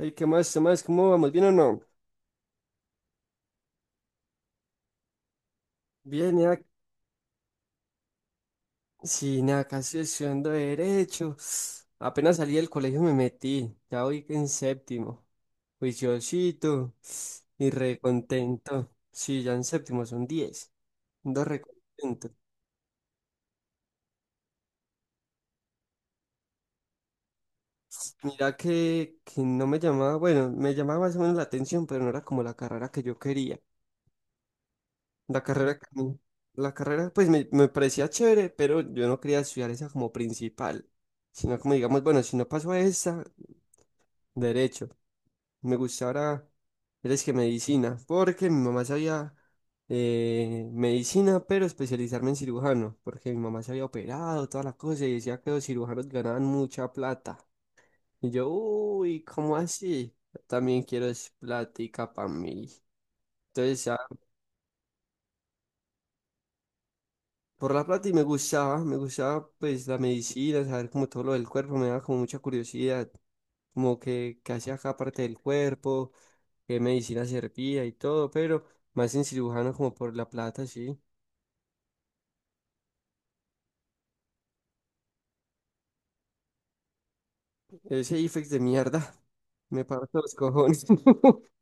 Ey, ¿qué más? ¿Qué más? ¿Cómo vamos? ¿Bien o no? Bien, ya, sí, nada, casi estudiando Derecho. Apenas salí del colegio me metí. Ya voy en séptimo. Juiciosito y recontento. Sí, ya en séptimo son 10. Ando recontento. Mira que no me llamaba, bueno, me llamaba más o menos la atención, pero no era como la carrera que yo quería. La carrera, que a mí- La carrera pues me parecía chévere, pero yo no quería estudiar esa como principal, sino como digamos, bueno, si no paso a esa, derecho. Me gustaba ahora, eres que medicina, porque mi mamá sabía medicina, pero especializarme en cirujano, porque mi mamá se había operado, todas las cosas, y decía que los cirujanos ganaban mucha plata. Y yo, uy, ¿cómo así? Yo también quiero es plática para mí. Entonces, por la plata y me gustaba pues la medicina, saber como todo lo del cuerpo, me daba como mucha curiosidad, como que, qué hacía cada parte del cuerpo, qué medicina servía y todo, pero más en cirujano como por la plata, sí. Ese IFEX de mierda, me parto los cojones.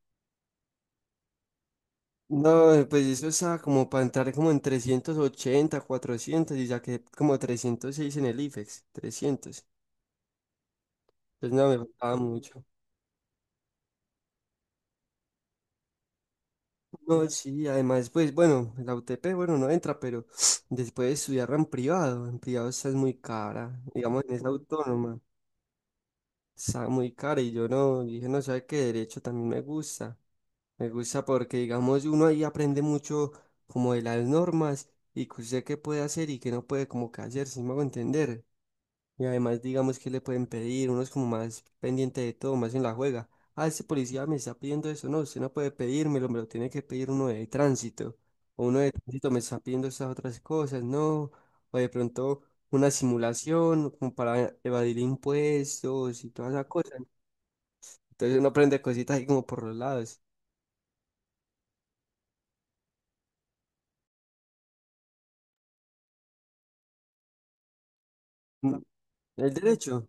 No, pues eso estaba como para entrar como en 380 400 y saqué como 306 en el IFEX, 300. Pues no, me faltaba mucho. No, sí, además, pues bueno, la UTP, bueno, no entra, pero después de estudiarla en privado esa es muy cara, digamos, en esa autónoma, está muy cara y yo no, dije, no, sabe qué derecho también me gusta porque, digamos, uno ahí aprende mucho como de las normas y que usted qué puede hacer y qué no puede como que hacer, si me hago entender, y además, digamos que le pueden pedir, uno es como más pendiente de todo, más en la juega. Ah, ese policía me está pidiendo eso, no, usted no puede pedírmelo, me lo tiene que pedir uno de tránsito. O uno de tránsito me está pidiendo esas otras cosas, no. O de pronto una simulación como para evadir impuestos y todas esa cosas. Entonces uno aprende cositas ahí como por los lados. Mm. El derecho.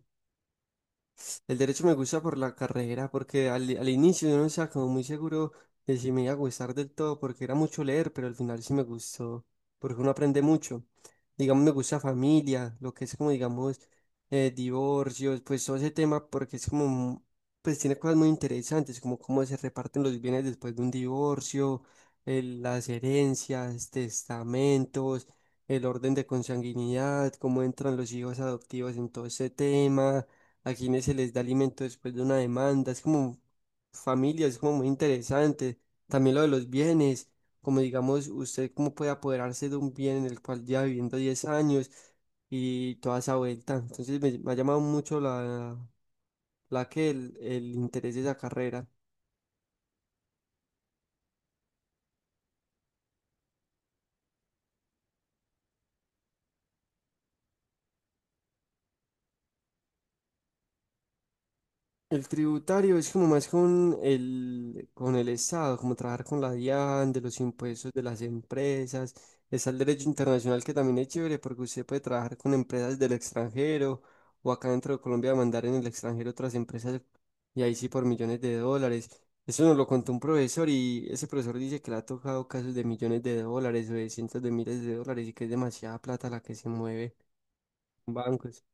El derecho me gusta por la carrera, porque al inicio yo no estaba como muy seguro de si me iba a gustar del todo, porque era mucho leer, pero al final sí me gustó, porque uno aprende mucho. Digamos, me gusta familia, lo que es como, digamos, divorcios, pues todo ese tema, porque es como, pues tiene cosas muy interesantes, como cómo se reparten los bienes después de un divorcio, las herencias, testamentos, el orden de consanguinidad, cómo entran los hijos adoptivos en todo ese tema, a quienes se les da alimento después de una demanda. Es como familia, es como muy interesante. También lo de los bienes, como digamos, usted cómo puede apoderarse de un bien en el cual lleva viviendo 10 años y toda esa vuelta. Entonces me ha llamado mucho el interés de esa carrera. El tributario es como más con con el Estado, como trabajar con la DIAN, de los impuestos de las empresas. Está el derecho internacional que también es chévere porque usted puede trabajar con empresas del extranjero o acá dentro de Colombia mandar en el extranjero otras empresas y ahí sí por millones de dólares. Eso nos lo contó un profesor y ese profesor dice que le ha tocado casos de millones de dólares o de cientos de miles de dólares y que es demasiada plata la que se mueve en bancos.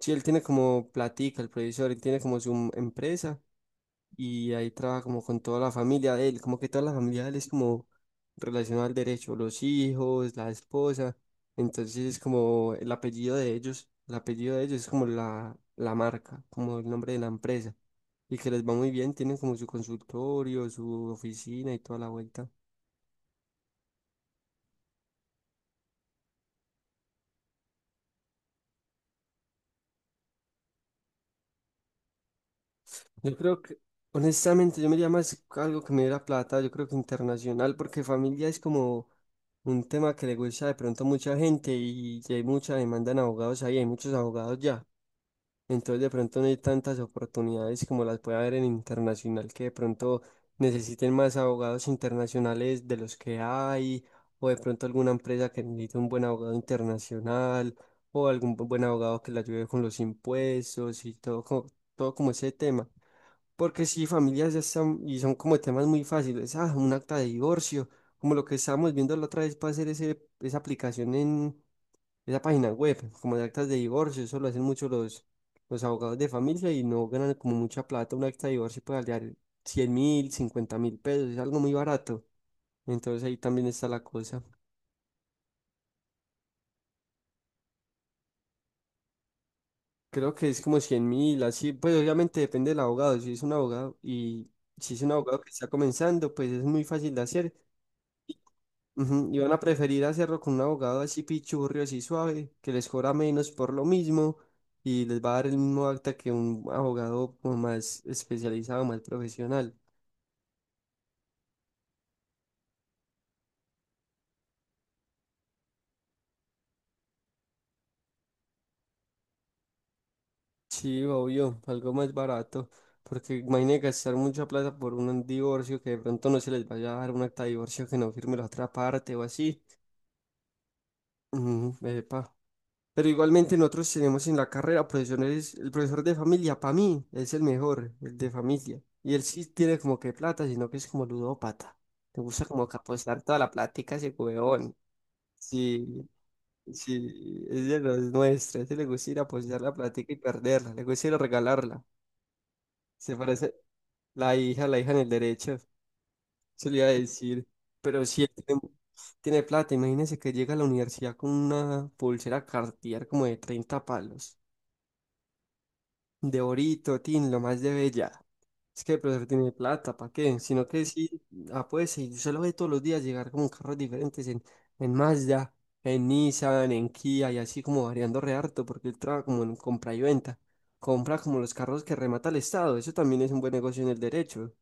Sí, él tiene como platica, el profesor, él tiene como su empresa y ahí trabaja como con toda la familia de él, como que toda la familia de él es como relacionada al derecho, los hijos, la esposa, entonces es como el apellido de ellos, el apellido de ellos es como la marca, como el nombre de la empresa, y que les va muy bien, tienen como su consultorio, su oficina y toda la vuelta. Yo creo que, honestamente, yo me iría más a algo que me diera plata, yo creo que internacional, porque familia es como un tema que le gusta de pronto a mucha gente y hay mucha demanda en abogados ahí, hay muchos abogados ya. Entonces de pronto no hay tantas oportunidades como las puede haber en internacional, que de pronto necesiten más abogados internacionales de los que hay, o de pronto alguna empresa que necesite un buen abogado internacional, o algún buen abogado que le ayude con los impuestos y todo, todo como ese tema. Porque si familias ya están, y son como temas muy fáciles, ah, un acta de divorcio, como lo que estábamos viendo la otra vez para hacer esa aplicación en esa página web, como de actas de divorcio, eso lo hacen mucho los abogados de familia y no ganan como mucha plata, un acta de divorcio puede valer 100.000, 50.000 pesos, es algo muy barato, entonces ahí también está la cosa. Creo que es como 100.000, así, pues obviamente depende del abogado, si es un abogado y si es un abogado que está comenzando, pues es muy fácil de hacer. Ujú. Y van a preferir hacerlo con un abogado así pichurrio, así suave, que les cobra menos por lo mismo y les va a dar el mismo acta que un abogado como más especializado, más profesional. Sí, obvio, algo más barato, porque imagínate gastar mucha plata por un divorcio que de pronto no se les vaya a dar un acta de divorcio que no firme la otra parte o así. Ujú, epa. Pero igualmente nosotros tenemos en la carrera profesores, el profesor de familia para mí es el mejor, el de familia. Y él sí tiene como que plata, sino que es como ludópata. Te gusta como que apostar toda la plática a ese huevón. Sí, sí, es de los nuestros. A ese le gusta ir a apostar la plática y perderla. Le gusta ir a regalarla. Se parece la hija en el derecho. Se le iba a decir. Pero sí, él tiene plata. Imagínense que llega a la universidad con una pulsera Cartier como de 30 palos. De orito, tin, lo más de bella. Es que el profesor tiene plata, ¿para qué? Sino que sí, ah, pues sí, usted lo ve todos los días llegar como carros diferentes en, Mazda, en Nissan, en Kia y así como variando re harto, porque él trabaja como en compra y venta. Compra como los carros que remata el Estado, eso también es un buen negocio en el derecho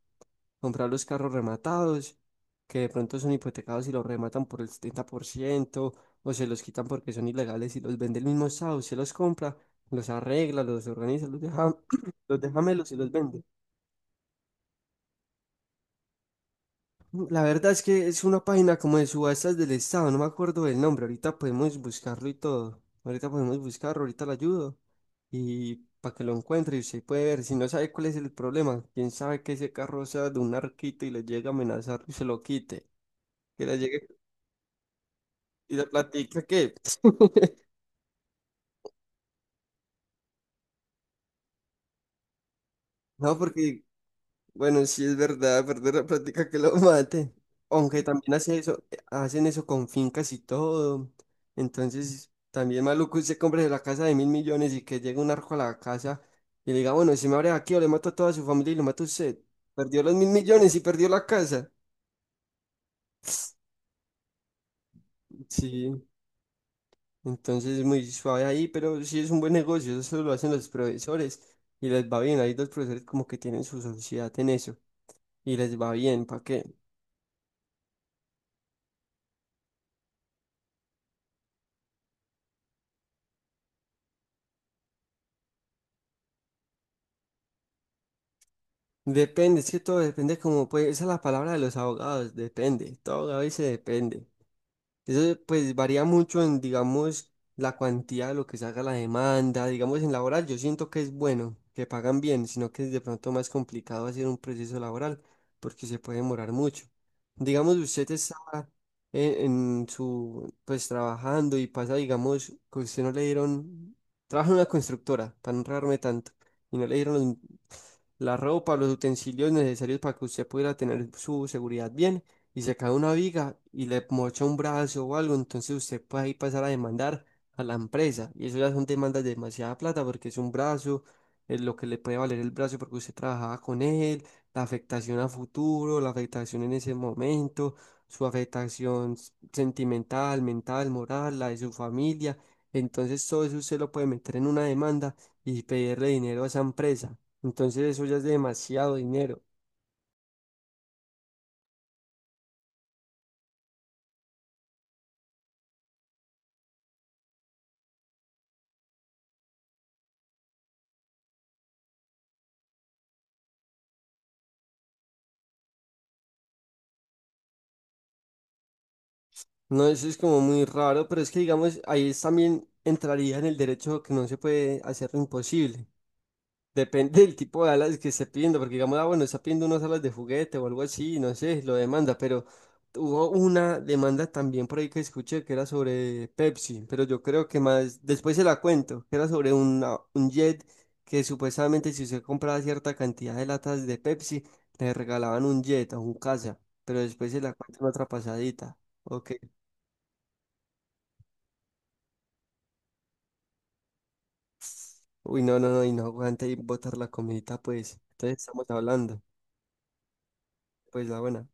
comprar los carros rematados, que de pronto son hipotecados y los rematan por el 70% o se los quitan porque son ilegales y los vende el mismo Estado, se los compra, los arregla, los organiza, los deja melos y los vende. La verdad es que es una página como de subastas del Estado, no me acuerdo del nombre, ahorita podemos buscarlo y todo, ahorita podemos buscarlo, ahorita le ayudo y para que lo encuentre y usted puede ver, si no sabe cuál es el problema, quién sabe que ese carro sea de un arquito y le llegue a amenazar y se lo quite. Que le llegue. Y la plática que, no, porque, bueno, sí es verdad, perder la plática que lo mate. Aunque también hace eso, hacen eso con fincas y todo. Entonces, también maluco usted compre la casa de mil millones y que llegue un arco a la casa y le diga, bueno, si me abre aquí o le mato a toda su familia y lo mato a usted. Perdió los mil millones y perdió la casa. Sí, entonces muy suave ahí, pero sí es un buen negocio, eso lo hacen los profesores y les va bien. Ahí los profesores como que tienen su sociedad en eso. Y les va bien, ¿para qué? Depende, es que todo depende como pues, esa es la palabra de los abogados, depende, todo abogado dice depende. Eso pues varía mucho en, digamos, la cuantía de lo que se haga la demanda. Digamos, en laboral yo siento que es bueno, que pagan bien, sino que es de pronto más complicado hacer un proceso laboral porque se puede demorar mucho. Digamos, usted está en, pues trabajando y pasa, digamos, que usted no le dieron, trabaja en una constructora, para no enredarme tanto, y no le dieron la ropa, los utensilios necesarios para que usted pudiera tener su seguridad bien y se cae una viga y le mocha un brazo o algo, entonces usted puede ahí pasar a demandar a la empresa. Y eso ya son demandas de demasiada plata porque es un brazo, es lo que le puede valer el brazo porque usted trabajaba con él, la afectación a futuro, la afectación en ese momento, su afectación sentimental, mental, moral, la de su familia. Entonces todo eso usted lo puede meter en una demanda y pedirle dinero a esa empresa. Entonces eso ya es demasiado dinero. No, eso es como muy raro, pero es que digamos, ahí es también entraría en el derecho que no se puede hacer lo imposible. Depende del tipo de alas que esté pidiendo, porque digamos, ah, bueno, está pidiendo unas alas de juguete o algo así, no sé, lo demanda, pero hubo una demanda también por ahí que escuché que era sobre Pepsi, pero yo creo que más, después se la cuento, que era sobre un jet que supuestamente si usted compraba cierta cantidad de latas de Pepsi, le regalaban un jet a un casa, pero después se la cuento en otra pasadita. Ok. Uy, no, no, no, y no aguanta y botar la comidita, pues. Entonces estamos hablando, pues la buena.